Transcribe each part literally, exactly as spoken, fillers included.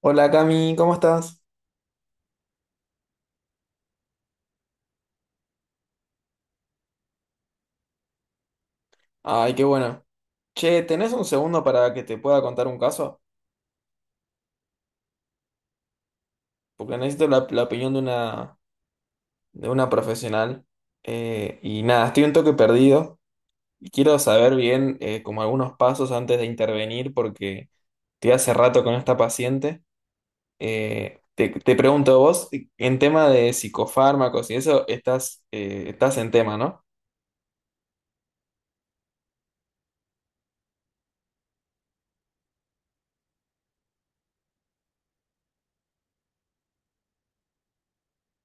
Hola Cami, ¿cómo estás? Ay, qué bueno. Che, ¿tenés un segundo para que te pueda contar un caso? Porque necesito la, la opinión de una, de una profesional. Eh, y nada, estoy un toque perdido y quiero saber bien eh, como algunos pasos antes de intervenir porque estoy hace rato con esta paciente. Eh, te, te pregunto vos, en tema de psicofármacos y eso, estás, eh, estás en tema, ¿no?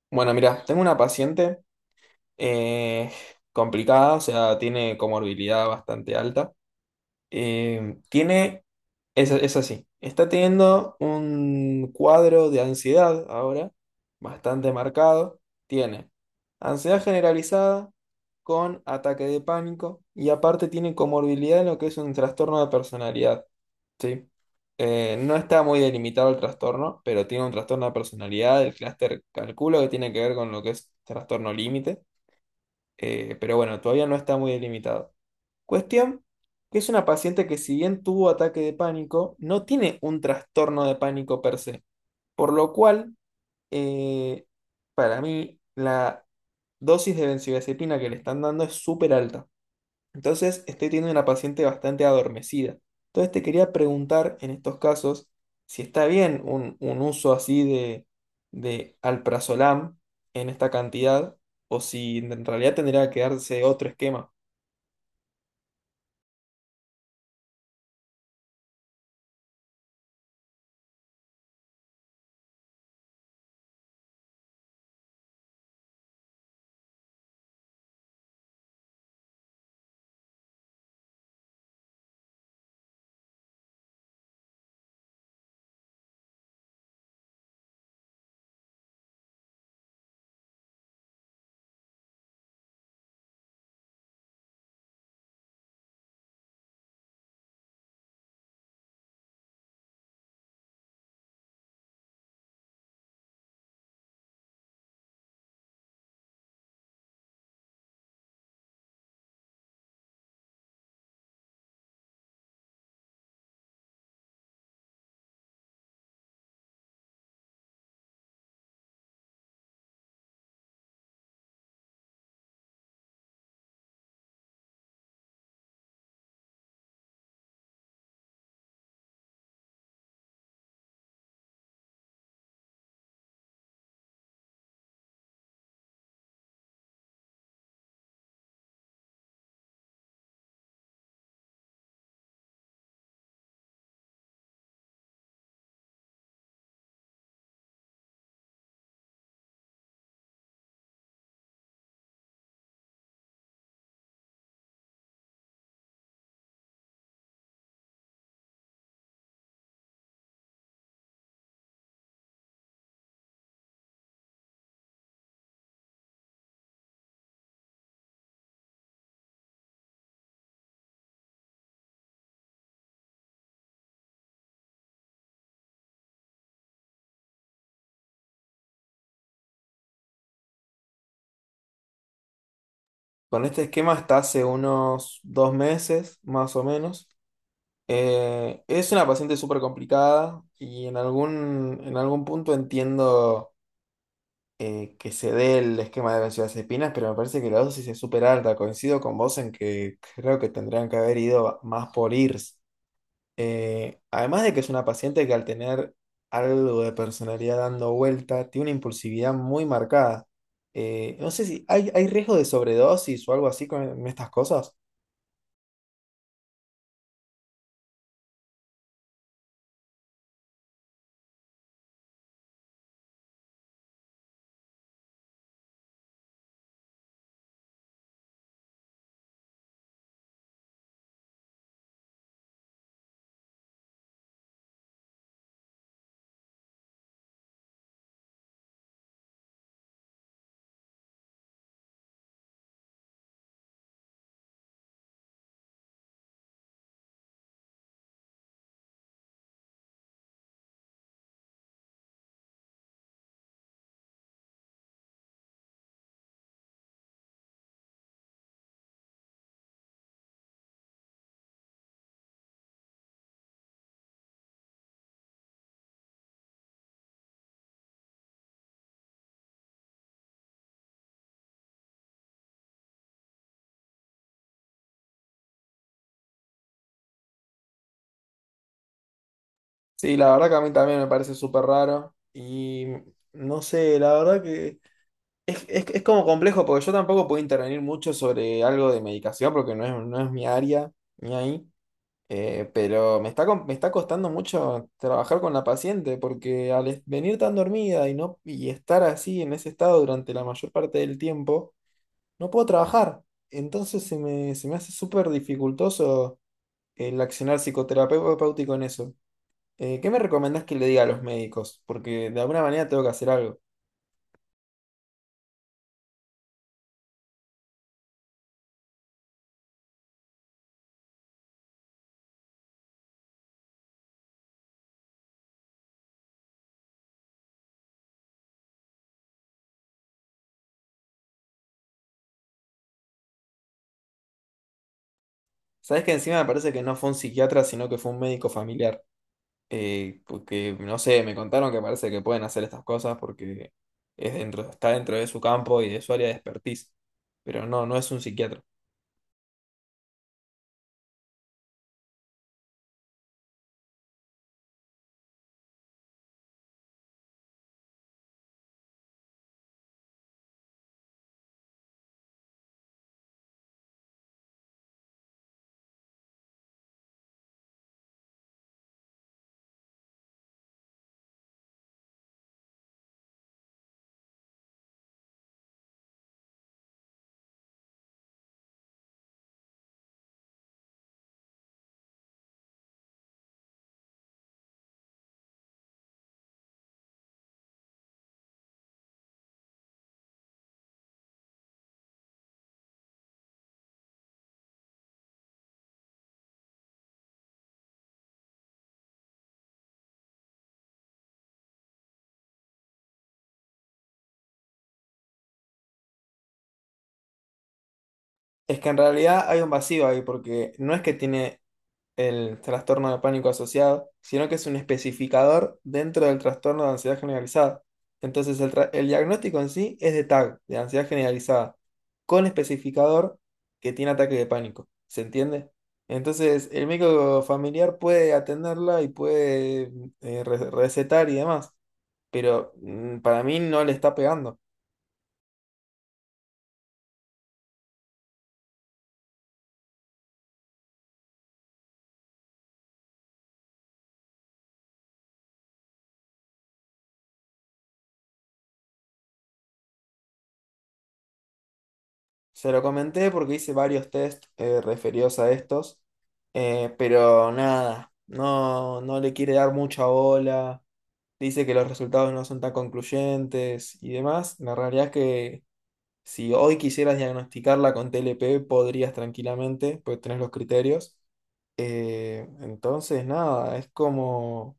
Bueno, mira, tengo una paciente. Eh, complicada, o sea, tiene comorbilidad bastante alta. Eh, tiene, es, es así, está teniendo un cuadro de ansiedad ahora, bastante marcado. Tiene ansiedad generalizada con ataque de pánico y aparte tiene comorbilidad en lo que es un trastorno de personalidad, ¿sí? Eh, no está muy delimitado el trastorno, pero tiene un trastorno de personalidad, el clúster calculo que tiene que ver con lo que es trastorno límite. Eh, pero bueno, todavía no está muy delimitado. Cuestión que es una paciente que si bien tuvo ataque de pánico, no tiene un trastorno de pánico per se. Por lo cual, eh, para mí, la dosis de benzodiazepina que le están dando es súper alta. Entonces, estoy teniendo una paciente bastante adormecida. Entonces, te quería preguntar en estos casos si está bien un, un uso así de, de alprazolam en esta cantidad o si en realidad tendría que darse otro esquema. Con este esquema está hace unos dos meses, más o menos. Eh, es una paciente súper complicada y en algún, en algún punto entiendo eh, que se dé el esquema de benzodiazepinas, pero me parece que la dosis es súper alta. Coincido con vos en que creo que tendrían que haber ido más por I R S. Eh, además de que es una paciente que al tener algo de personalidad dando vuelta, tiene una impulsividad muy marcada. Eh, no sé si hay, hay riesgo de sobredosis o algo así con en estas cosas. Sí, la verdad que a mí también me parece súper raro y no sé, la verdad que... Es, es, es como complejo porque yo tampoco puedo intervenir mucho sobre algo de medicación porque no es, no es mi área ni ahí, eh, pero me está, com- me está costando mucho trabajar con la paciente porque al es- venir tan dormida y, no, y estar así en ese estado durante la mayor parte del tiempo, no puedo trabajar. Entonces se me, se me hace súper dificultoso el accionar psicoterapéutico en eso. Eh, ¿qué me recomendás que le diga a los médicos? Porque de alguna manera tengo que hacer algo. Sabes que encima me parece que no fue un psiquiatra, sino que fue un médico familiar. Eh, porque, no sé, me contaron que parece que pueden hacer estas cosas porque es dentro, está dentro de su campo y de su área de expertise. Pero no, no es un psiquiatra. Es que en realidad hay un vacío ahí porque no es que tiene el trastorno de pánico asociado, sino que es un especificador dentro del trastorno de ansiedad generalizada. Entonces, el, tra- el diagnóstico en sí es de T A G, de ansiedad generalizada, con especificador que tiene ataque de pánico. ¿Se entiende? Entonces, el médico familiar puede atenderla y puede eh, re- recetar y demás, pero mm, para mí no le está pegando. Se lo comenté porque hice varios test eh, referidos a estos, eh, pero nada, no, no le quiere dar mucha bola, dice que los resultados no son tan concluyentes y demás. La realidad es que si hoy quisieras diagnosticarla con T L P, podrías tranquilamente, pues tenés los criterios. Eh, entonces, nada, es como...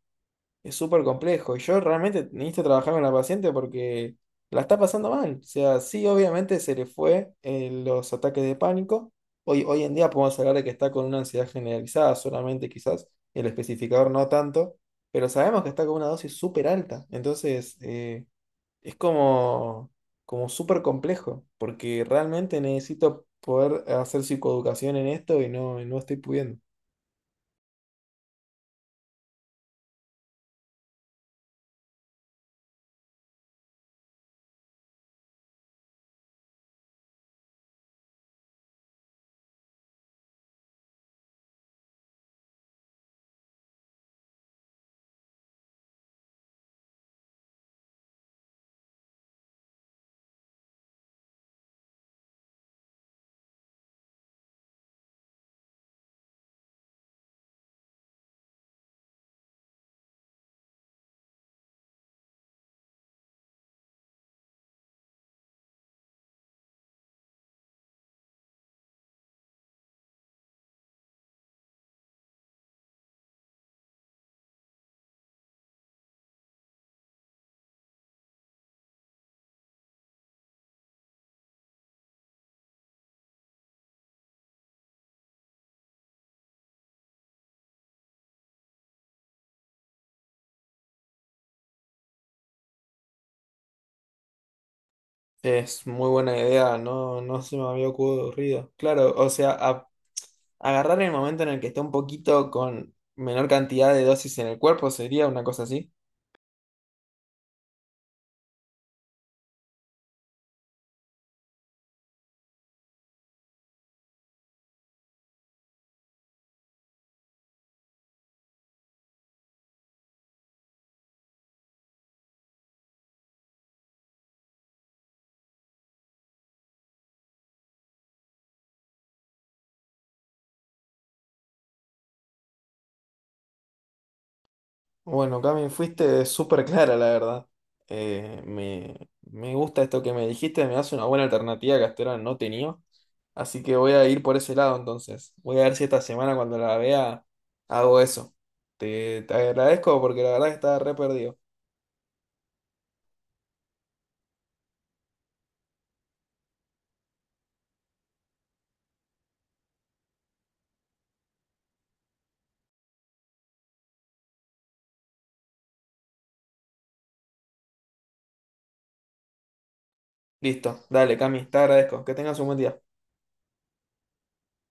Es súper complejo. Y yo realmente necesito trabajar con la paciente porque la está pasando mal. O sea, sí, obviamente se le fue eh, los ataques de pánico. Hoy, hoy en día podemos hablar de que está con una ansiedad generalizada solamente, quizás el especificador no tanto, pero sabemos que está con una dosis súper alta. Entonces, eh, es como, como súper complejo porque realmente necesito poder hacer psicoeducación en esto y no, y no estoy pudiendo. Es muy buena idea, no, no se me había ocurrido. Claro, o sea, a- agarrar el momento en el que está un poquito con menor cantidad de dosis en el cuerpo sería una cosa así. Bueno, Cami, fuiste súper clara, la verdad. Eh, me, me gusta esto que me dijiste, me das una buena alternativa que hasta ahora no tenía. Así que voy a ir por ese lado entonces. Voy a ver si esta semana cuando la vea hago eso. Te, te agradezco porque la verdad que estaba re perdido. Listo, dale, Cami, te agradezco. Que tengas un buen día.